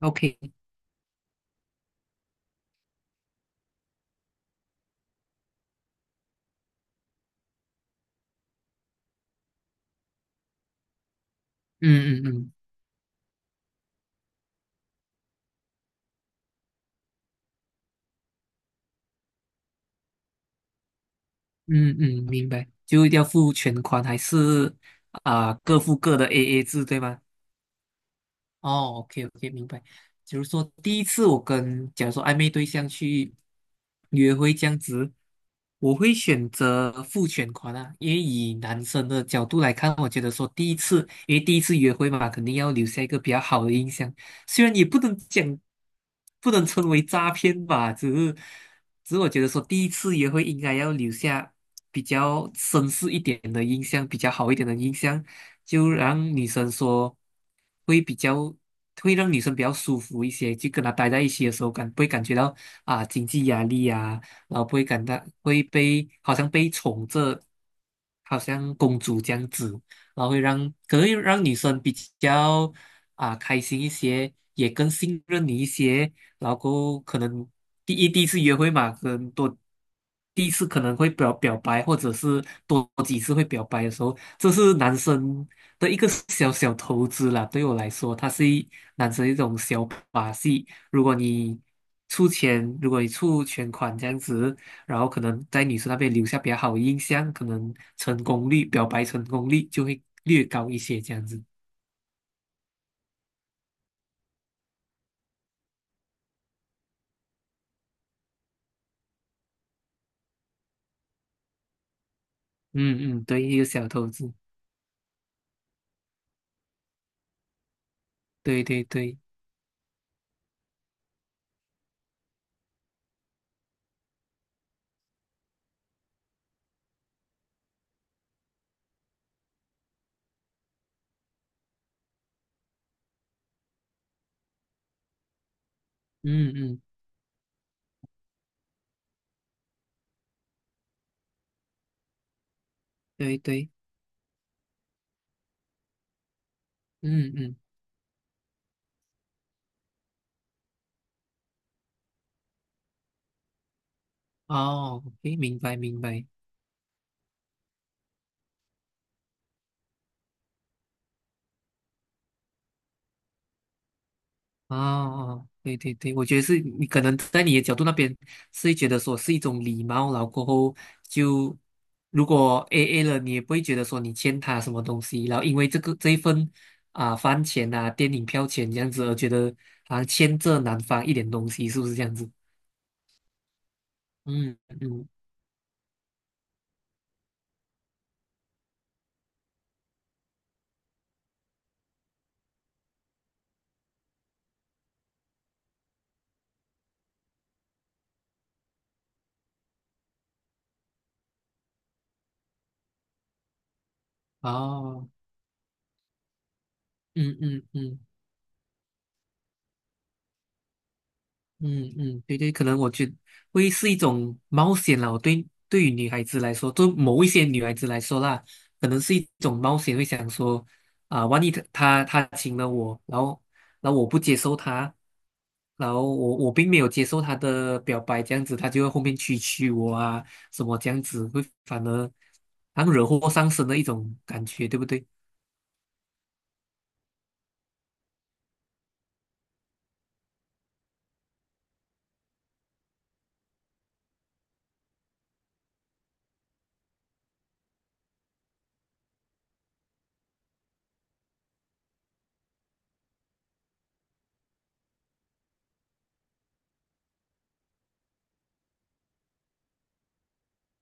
OK，嗯嗯嗯嗯嗯，明白，就一定要付全款还是啊、各付各的 AA 制对吗？哦，OK OK，明白。就是说，第一次我跟假如说暧昧对象去约会这样子，我会选择付全款啊，因为以男生的角度来看，我觉得说第一次，因为第一次约会嘛，肯定要留下一个比较好的印象。虽然也不能讲，不能称为诈骗吧，只是，只是我觉得说第一次约会应该要留下比较绅士一点的印象，比较好一点的印象。就让女生说会比较会让女生比较舒服一些，就跟他待在一起的时候不会感觉到啊经济压力啊，然后不会感到会被好像被宠着，好像公主这样子，然后会让可能会让女生比较啊开心一些，也更信任你一些，然后可能第一次约会嘛，可能多。第一次可能会表白，或者是多几次会表白的时候，这是男生的一个小小投资啦，对我来说，它是男生一种小把戏。如果你出钱，如果你出全款这样子，然后可能在女生那边留下比较好的印象，可能成功率、表白成功率就会略高一些这样子。嗯嗯，对，一个小投资，对对对，嗯嗯，对对，嗯嗯，哦 o 明白明白。哦，啊啊对对对，我觉得是你可能在你的角度那边是会觉得说是一种礼貌，然后过后就如果 AA 了，你也不会觉得说你欠他什么东西，然后因为这一份啊、饭钱啊、电影票钱这样子而觉得好像欠这男方一点东西，是不是这样子？嗯嗯，嗯哦，嗯嗯嗯。嗯嗯，对对，可能我觉得会是一种冒险啦。我对于女孩子来说，对某一些女孩子来说啦，可能是一种冒险，会想说啊、万一她请了我，然后我不接受她，然后我并没有接受她的表白，这样子她就会后面蛐蛐我啊，什么这样子会反而好像惹祸上身的一种感觉，对不对？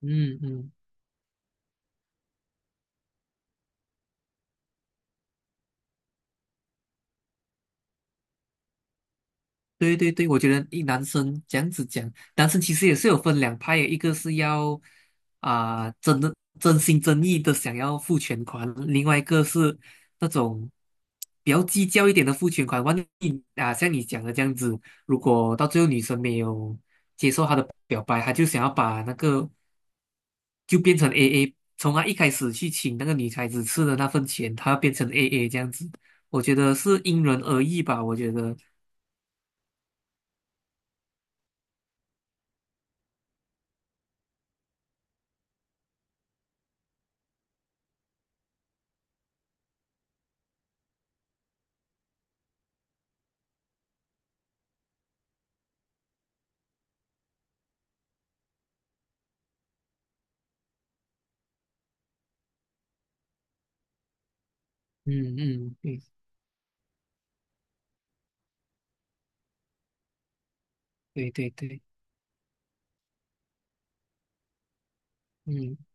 嗯嗯。对对对，我觉得一男生这样子讲，男生其实也是有分两派的，一个是要啊、真的真心真意的想要付全款，另外一个是那种比较计较一点的付全款。万一啊，像你讲的这样子，如果到最后女生没有接受他的表白，他就想要把那个就变成 AA,从他一开始去请那个女孩子吃的那份钱，他变成 AA 这样子。我觉得是因人而异吧。我觉得，嗯嗯，对对对对，嗯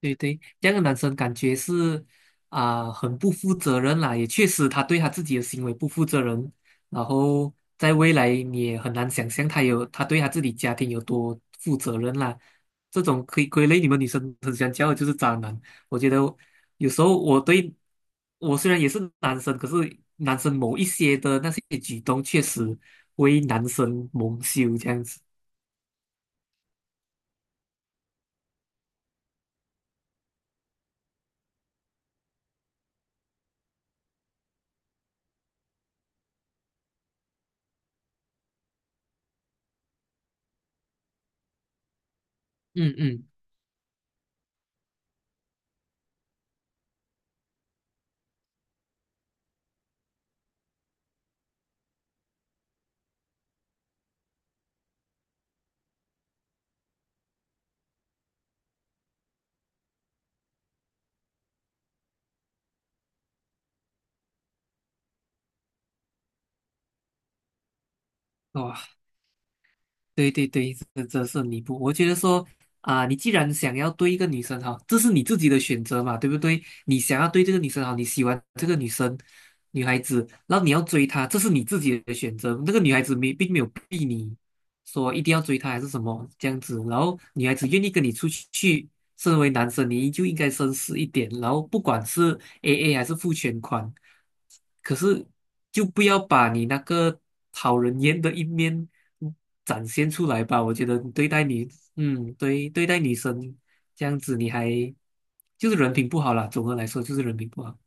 对对，这样的男生感觉是啊、很不负责任啦，也确实他对他自己的行为不负责任，然后在未来你也很难想象他有他对他自己家庭有多负责任啦。这种可以归类你们女生很喜欢叫的就是渣男，我觉得有时候我虽然也是男生，可是男生某一些的那些举动确实为男生蒙羞这样子。嗯嗯，哇。对对对，这这是弥补。我觉得说啊、你既然想要对一个女生好，这是你自己的选择嘛，对不对？你想要对这个女生好，你喜欢这个女生，女孩子，然后你要追她，这是你自己的选择。那个女孩子没并没有逼你说一定要追她还是什么这样子，然后女孩子愿意跟你出去，身为男生，你就应该绅士一点，然后不管是 AA 还是付全款，可是就不要把你那个讨人厌的一面嗯展现出来吧。我觉得你对待你，嗯，对，对待女生这样子，你还就是人品不好啦。总的来说，就是人品不好。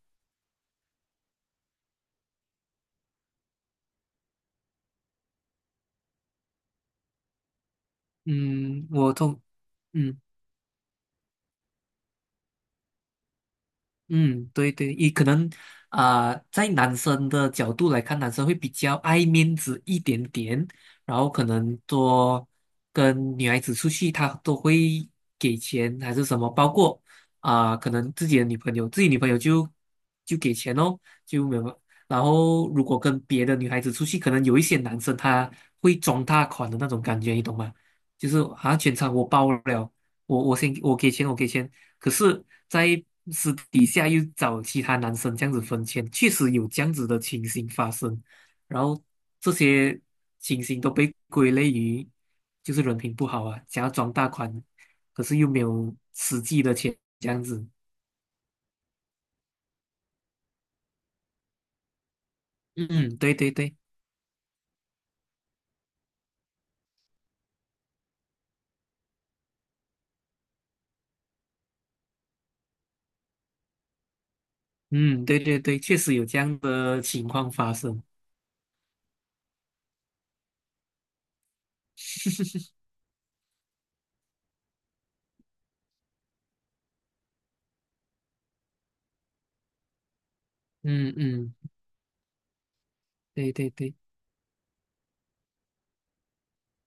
嗯，我通，嗯。嗯，对对，也可能啊、呃在男生的角度来看，男生会比较爱面子一点点，然后可能多跟女孩子出去，他都会给钱还是什么，包括啊、可能自己的女朋友，自己女朋友就给钱哦，就没有。然后如果跟别的女孩子出去，可能有一些男生他会装大款的那种感觉，你懂吗？就是好像全场我包了，我先我给钱，我给钱。可是，在私底下又找其他男生这样子分钱，确实有这样子的情形发生。然后这些情形都被归类于就是人品不好啊，想要装大款，可是又没有实际的钱这样子。嗯，对对对，嗯，对对对，确实有这样的情况发生。嗯嗯，对对对，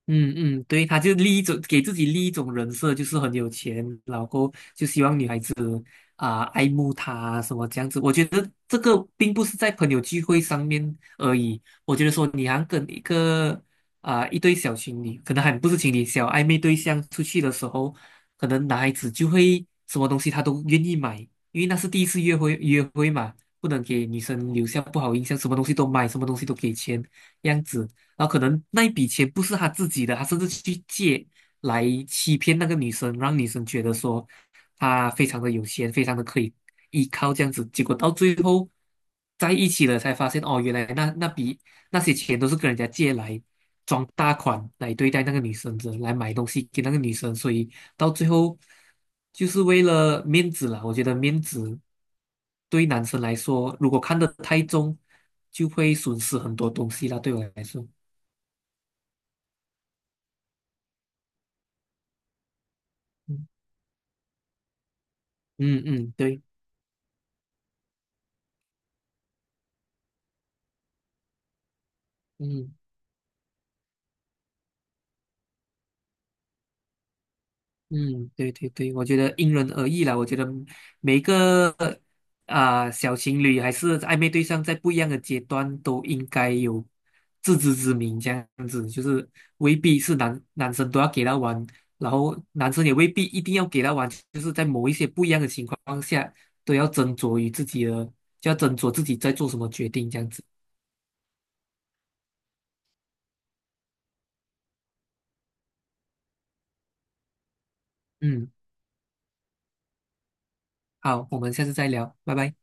嗯嗯，对，他就立一种给自己立一种人设，就是很有钱，然后就希望女孩子。啊、爱慕他啊什么这样子。我觉得这个并不是在朋友聚会上面而已，我觉得说你好像跟一个啊、一对小情侣，可能还不是情侣，小暧昧对象出去的时候，可能男孩子就会什么东西他都愿意买，因为那是第一次约会嘛。不能给女生留下不好印象，什么东西都买，什么东西都给钱，这样子。然后可能那一笔钱不是他自己的，他甚至去借，来欺骗那个女生，让女生觉得说他非常的有钱，非常的可以依靠这样子。结果到最后在一起了，才发现哦，原来那笔那些钱都是跟人家借来装大款来对待那个女生的，来买东西给那个女生。所以到最后就是为了面子啦，我觉得面子对男生来说，如果看得太重，就会损失很多东西啦。对我来说，嗯嗯嗯，对，嗯。嗯，对对对，我觉得因人而异啦。我觉得每个啊、小情侣还是暧昧对象，在不一样的阶段都应该有自知之明，这样子就是未必是男生都要给他玩，然后男生也未必一定要给他玩，就是在某一些不一样的情况下，都要斟酌于自己的，就要斟酌自己在做什么决定，这样子。嗯，好，我们下次再聊，拜拜。